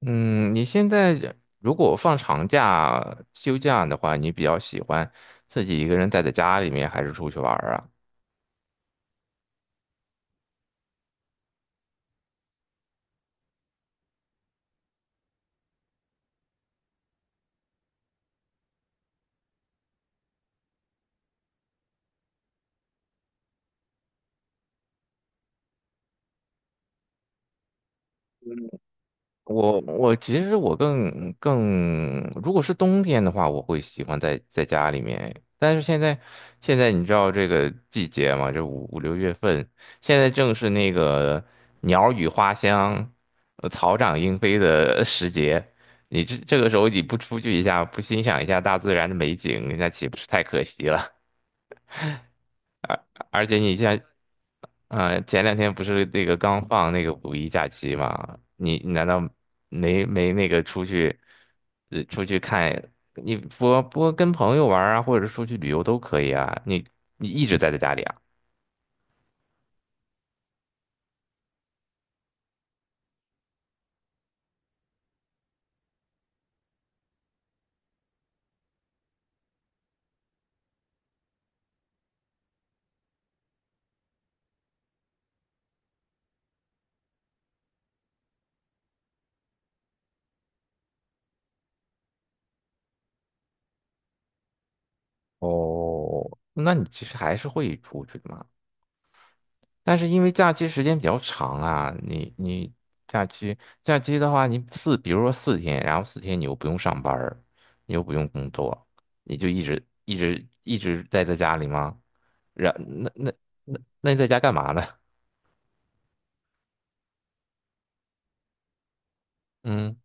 嗯，你现在如果放长假、休假的话，你比较喜欢自己一个人待在家里面，还是出去玩儿啊？我我其实我更更，如果是冬天的话，我会喜欢在家里面。但是现在你知道这个季节嘛，这五六月份，现在正是那个鸟语花香、草长莺飞的 时节。你这个时候你不出去一下，不欣赏一下大自然的美景，那岂不是太可惜了？而且你像，前两天不是那个刚放那个五一假期嘛？你难道没那个出去，出去看？你不跟朋友玩儿啊，或者出去旅游都可以啊。你一直待在家里啊？哦，那你其实还是会出去的嘛。但是因为假期时间比较长啊，你假期假期的话，你四比如说四天，然后四天你又不用上班儿，你又不用工作，你就一直待在家里吗？然那那那那你在家干嘛呢？嗯，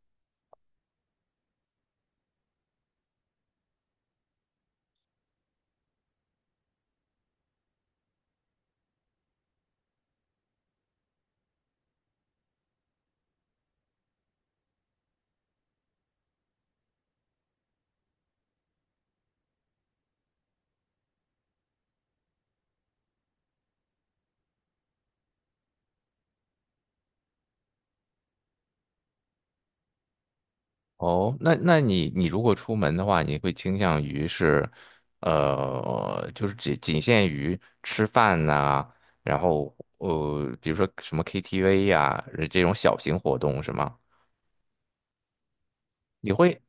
哦，那你如果出门的话，你会倾向于是，就是仅仅限于吃饭呐、然后比如说什么 KTV 呀、这种小型活动是吗？你会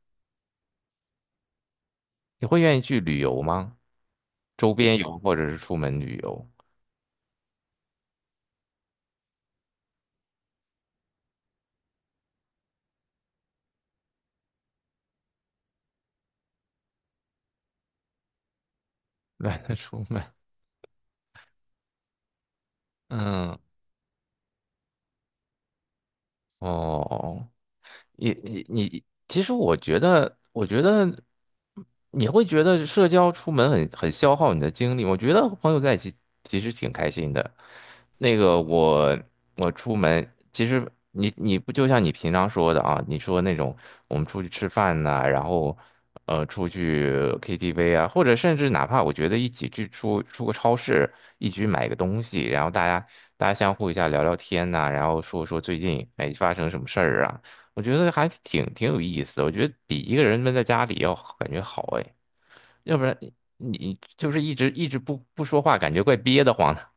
你会愿意去旅游吗？周边游或者是出门旅游，懒得出门。嗯，哦，你，其实我觉得，我觉得你会觉得社交出门很消耗你的精力。我觉得和朋友在一起其实挺开心的。那个我出门，其实你不就像你平常说的啊？你说那种我们出去吃饭呐、然后出去 KTV 啊，或者甚至哪怕我觉得一起去出个超市，一起去买个东西，然后大家相互一下聊聊天呐、然后说说最近哎发生什么事儿啊。我觉得还挺有意思的，我觉得比一个人闷在家里要感觉好哎，要不然你就是一直不说话，感觉怪憋得慌的。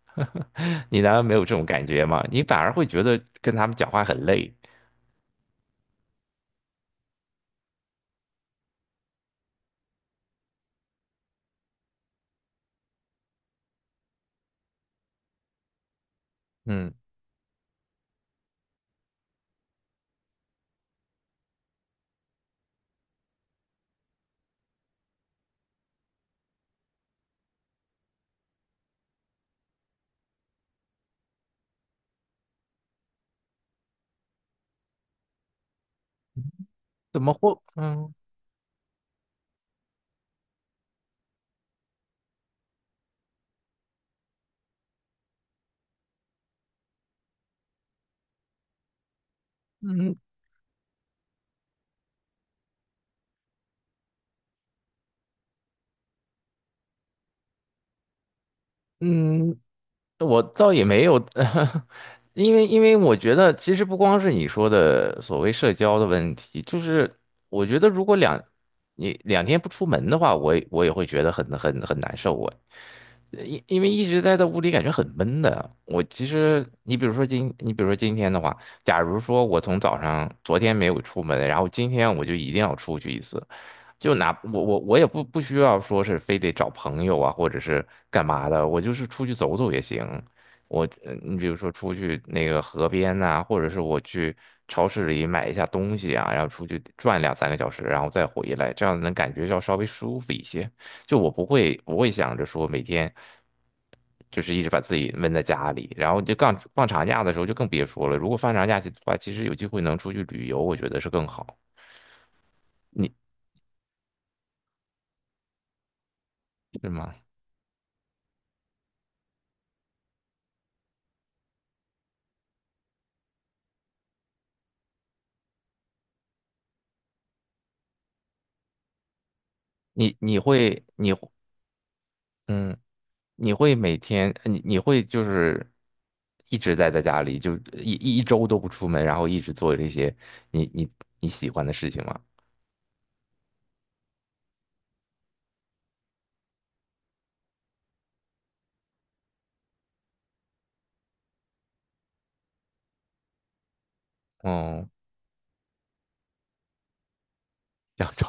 你难道没有这种感觉吗？你反而会觉得跟他们讲话很累。嗯，怎么会？嗯嗯嗯，我倒也没有，因为我觉得其实不光是你说的所谓社交的问题，就是我觉得如果两你两天不出门的话，我也会觉得很难受哎。因为一直待在屋里，感觉很闷的。我其实，你比如说今，你比如说今天的话，假如说我从早上昨天没有出门，然后今天我就一定要出去一次，就哪我也不需要说是非得找朋友啊，或者是干嘛的，我就是出去走走也行。我你比如说出去那个河边呐、或者是我去超市里买一下东西啊，然后出去转两三个小时，然后再回来，这样能感觉要稍微舒服一些。就我不会想着说每天就是一直把自己闷在家里，然后就放长假的时候就更别说了。如果放长假的话，其实有机会能出去旅游，我觉得是更好。你是吗？你嗯，你会每天你会就是一直待在家里，就一周都不出门，然后一直做这些你你你喜欢的事情吗？哦，两周。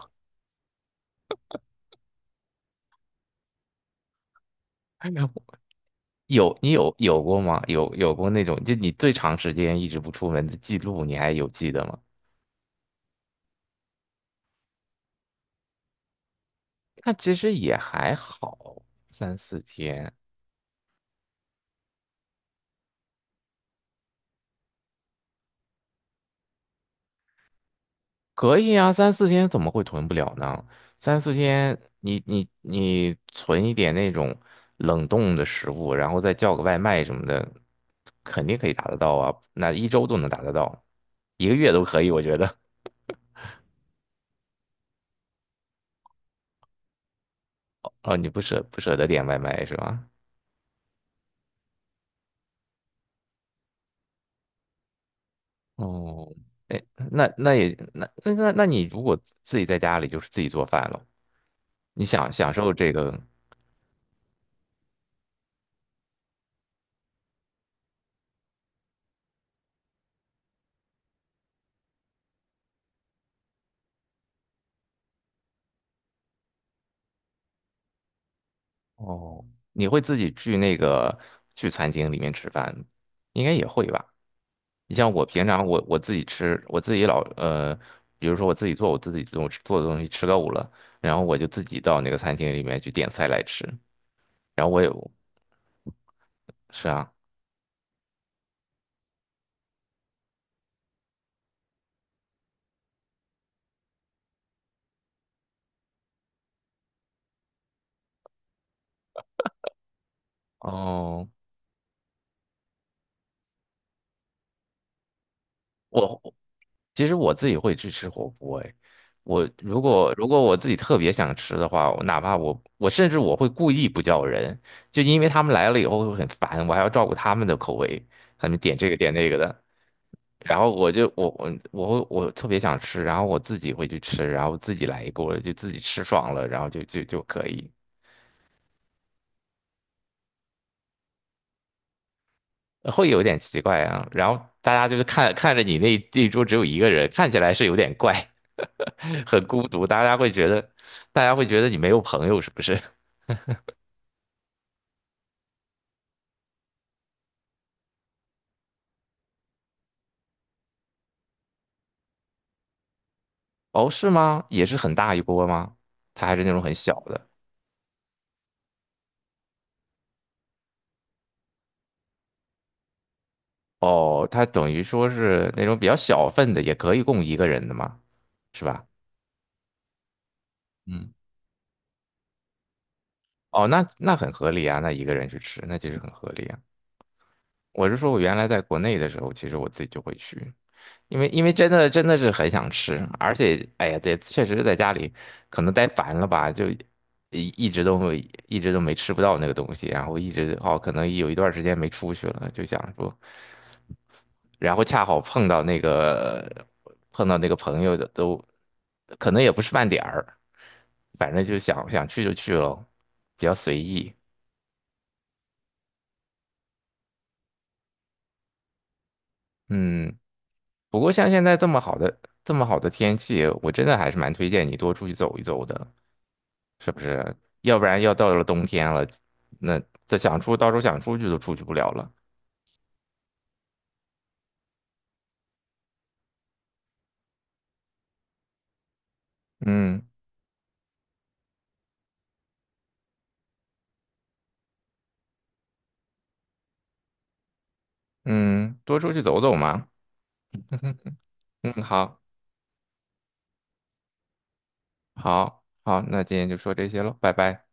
有你有过吗？有过那种，就你最长时间一直不出门的记录，你还有记得吗？那其实也还好，三四天可以啊，三四天怎么会囤不了呢？三四天你存一点那种冷冻的食物，然后再叫个外卖什么的，肯定可以达得到啊，那一周都能达得到，一个月都可以，我觉得。哦，你不舍得点外卖是吧？哦，哎，那那也那那那那你如果自己在家里就是自己做饭了，你想享受这个哦，你会自己去那个去餐厅里面吃饭，应该也会吧？你像我平常我自己吃，我自己老比如说我自己做的东西吃够了，然后我就自己到那个餐厅里面去点菜来吃，然后我有是啊，哦，我其实自己会去吃火锅，哎，我如果我自己特别想吃的话，我哪怕我甚至我会故意不叫人，就因为他们来了以后会很烦，我还要照顾他们的口味，他们点这个点那个的，然后我就我我我会我特别想吃，然后我自己会去吃，然后自己来一锅就自己吃爽了，然后就可以，会有点奇怪啊，然后大家就是看着你那一桌只有一个人，看起来是有点怪。很孤独，大家会觉得，大家会觉得你没有朋友，是不是？哦，是吗？也是很大一波吗？它还是那种很小的。哦，它等于说是那种比较小份的，也可以供一个人的嘛，是吧？嗯，哦，那很合理啊，那一个人去吃，那其实很合理啊。我是说，我原来在国内的时候，其实我自己就会去。因为真的是很想吃，而且哎呀，对，确实在家里可能待烦了吧，就一直都没一直都没吃不到那个东西，然后一直哦，可能有一段时间没出去了，就想说，然后恰好碰到那个朋友的都，可能也不是饭点儿，反正就想去就去咯，比较随意。嗯，不过像现在这么好的天气，我真的还是蛮推荐你多出去走一走的。是不是？要不然要到了冬天了，那这想出到时候想出去都出去不了了。嗯嗯，多出去走走嘛。嗯，好，那今天就说这些喽，拜拜。